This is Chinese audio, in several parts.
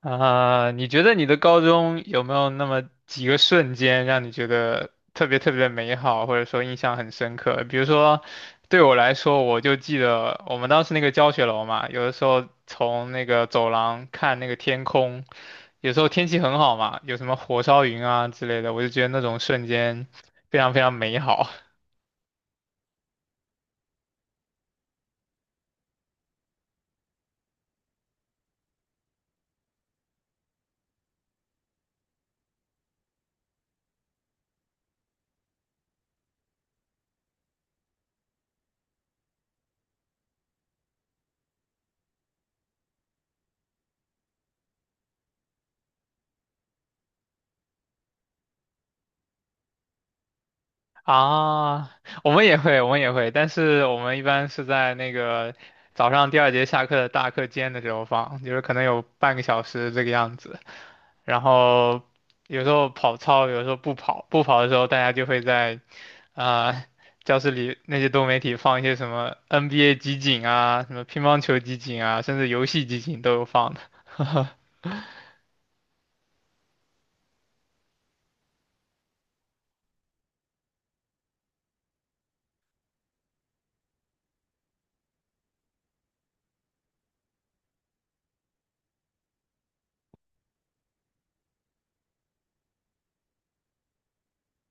啊，你觉得你的高中有没有那么几个瞬间让你觉得特别特别的美好，或者说印象很深刻？比如说，对我来说，我就记得我们当时那个教学楼嘛，有的时候从那个走廊看那个天空，有时候天气很好嘛，有什么火烧云啊之类的，我就觉得那种瞬间非常非常美好。啊，我们也会，我们也会，但是我们一般是在那个早上第二节下课的大课间的时候放，就是可能有半个小时这个样子。然后有时候跑操，有时候不跑，不跑的时候大家就会在啊、呃教室里那些多媒体放一些什么 NBA 集锦啊，什么乒乓球集锦啊，甚至游戏集锦都有放的。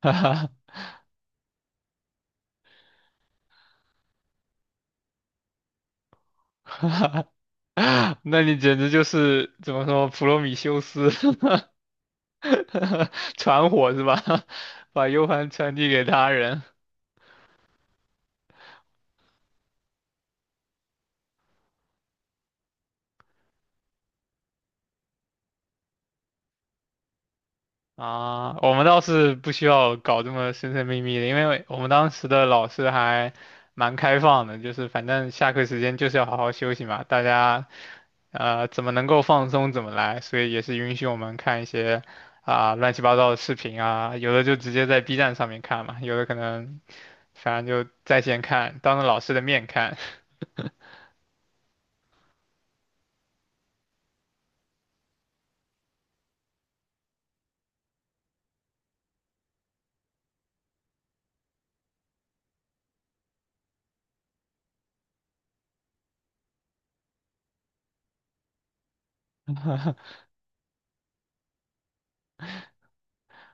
哈哈哈哈 那你简直就是怎么说普罗米修斯 传火是吧？把 U 盘传递给他人。啊，我们倒是不需要搞这么神神秘秘的，因为我们当时的老师还蛮开放的，就是反正下课时间就是要好好休息嘛，大家怎么能够放松怎么来，所以也是允许我们看一些乱七八糟的视频啊，有的就直接在 B 站上面看嘛，有的可能反正就在线看，当着老师的面看。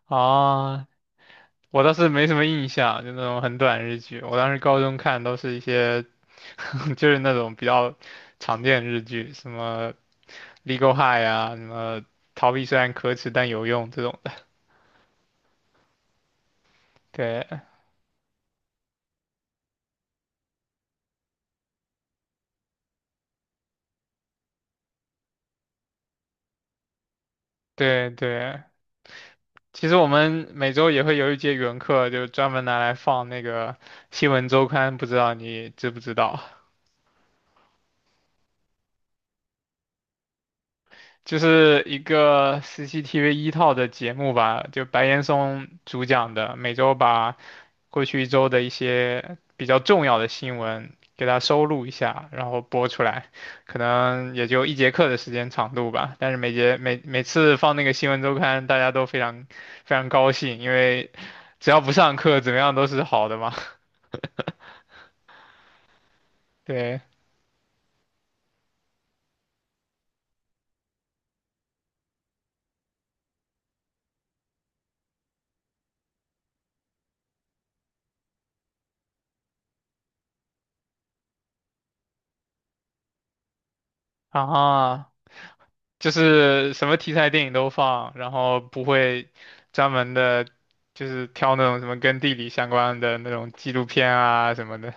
啊，我倒是没什么印象，就那种很短日剧。我当时高中看都是一些，就是那种比较常见的日剧，什么《Legal High》啊，什么《逃避虽然可耻但有用》这种的。对对对，其实我们每周也会有一节语文课，就专门拿来放那个《新闻周刊》，不知道你知不知道？就是一个 CCTV 一套的节目吧，就白岩松主讲的，每周把过去一周的一些比较重要的新闻，给它收录一下，然后播出来，可能也就一节课的时间长度吧。但是每节每每次放那个新闻周刊，大家都非常非常高兴，因为只要不上课，怎么样都是好的嘛。对啊，就是什么题材电影都放，然后不会专门的，就是挑那种什么跟地理相关的那种纪录片啊什么的。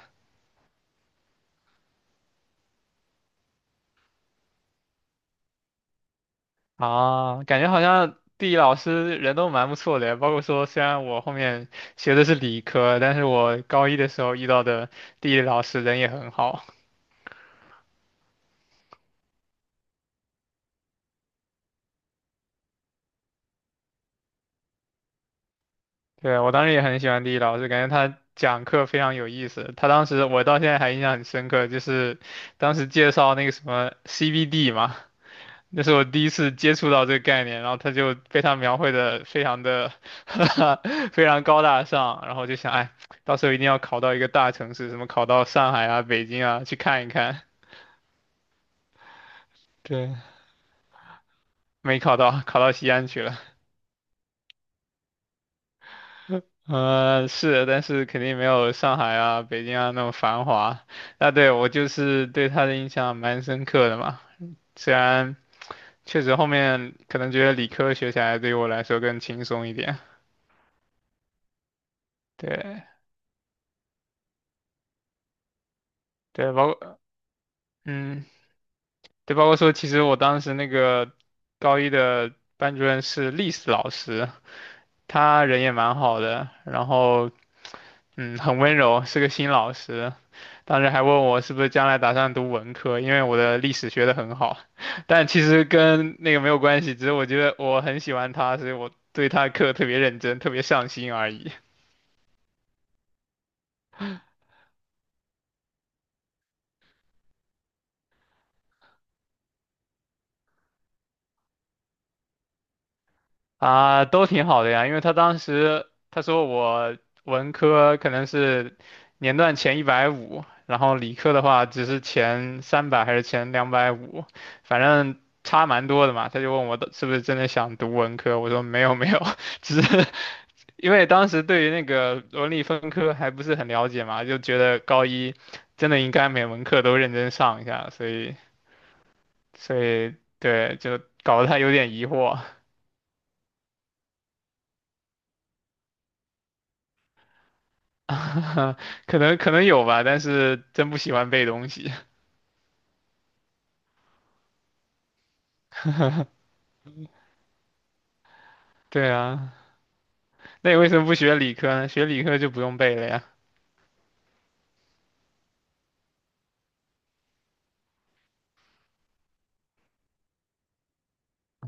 啊，感觉好像地理老师人都蛮不错的，包括说虽然我后面学的是理科，但是我高一的时候遇到的地理老师人也很好。对，我当时也很喜欢地理老师，感觉他讲课非常有意思。他当时我到现在还印象很深刻，就是当时介绍那个什么 c b d 嘛。那是我第一次接触到这个概念，然后他就被他描绘的非常的 非常高大上，然后就想，哎，到时候一定要考到一个大城市，什么考到上海啊、北京啊去看一看。对，没考到，考到西安去了。呃，是，但是肯定没有上海啊、北京啊那么繁华。那对我就是对他的印象蛮深刻的嘛，虽然确实后面可能觉得理科学起来对于我来说更轻松一点。对对，包括嗯，对，包括说，其实我当时那个高一的班主任是历史老师，他人也蛮好的，然后嗯，很温柔，是个新老师。当时还问我是不是将来打算读文科，因为我的历史学得很好，但其实跟那个没有关系，只是我觉得我很喜欢他，所以我对他的课特别认真，特别上心而已。啊，都挺好的呀，因为他当时他说我文科可能是年段前150，然后理科的话只是前300还是前250，反正差蛮多的嘛。他就问我的是不是真的想读文科，我说没有没有，只是因为当时对于那个文理分科还不是很了解嘛，就觉得高一真的应该每门课都认真上一下，所以对，就搞得他有点疑惑。可能可能有吧，但是真不喜欢背东西。对啊，那你为什么不学理科呢？学理科就不用背了呀。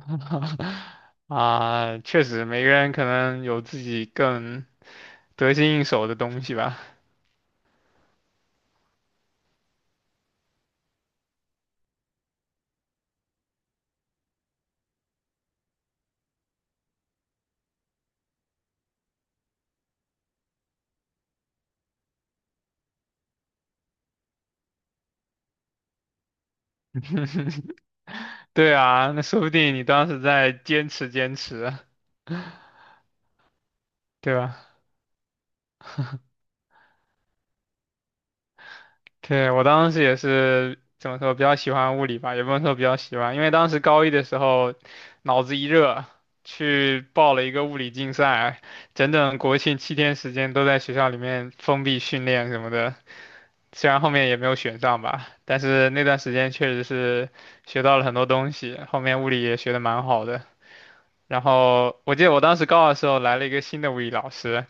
啊，确实，每个人可能有自己更得心应手的东西吧。对啊，那说不定你当时在坚持坚持，对吧？对，我当时也是怎么说，比较喜欢物理吧，也不能说比较喜欢，因为当时高一的时候，脑子一热，去报了一个物理竞赛，整整国庆7天时间都在学校里面封闭训练什么的，虽然后面也没有选上吧，但是那段时间确实是学到了很多东西，后面物理也学得蛮好的。然后我记得我当时高二的时候来了一个新的物理老师，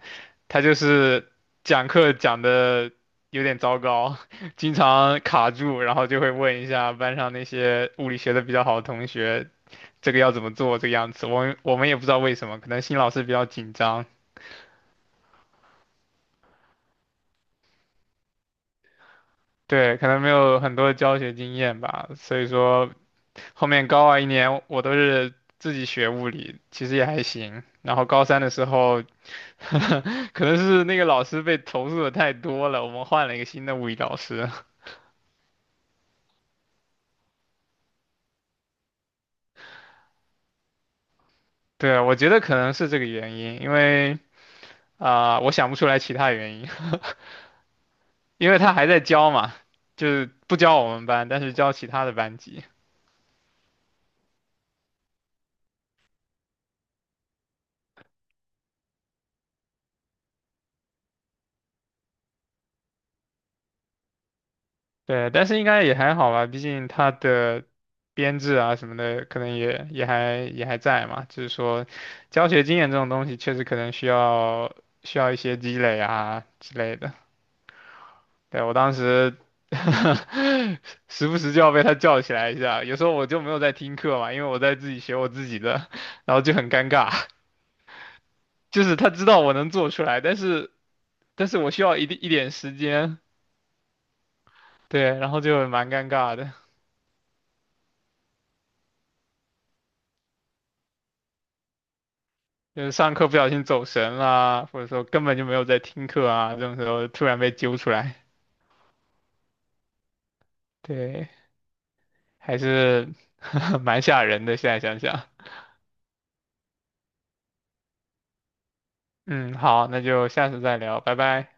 他就是讲课讲的有点糟糕，经常卡住，然后就会问一下班上那些物理学的比较好的同学，这个要怎么做，这个样子。我们也不知道为什么，可能新老师比较紧张，对，可能没有很多教学经验吧，所以说后面高二1年我都是。自己学物理其实也还行，然后高三的时候，可能是那个老师被投诉的太多了，我们换了一个新的物理老师。对啊，我觉得可能是这个原因，因为我想不出来其他原因，因为他还在教嘛，就是不教我们班，但是教其他的班级。对，但是应该也还好吧，毕竟他的编制啊什么的，可能也还在嘛。就是说，教学经验这种东西，确实可能需要一些积累啊之类的。对，我当时 时不时就要被他叫起来一下。有时候我就没有在听课嘛，因为我在自己学我自己的，然后就很尴尬。就是他知道我能做出来，但是但是我需要一定一点时间，对，然后就蛮尴尬的。就是上课不小心走神啦，或者说根本就没有在听课啊，这种时候突然被揪出来，对，还是 蛮吓人的。现在想想，嗯，好，那就下次再聊，拜拜。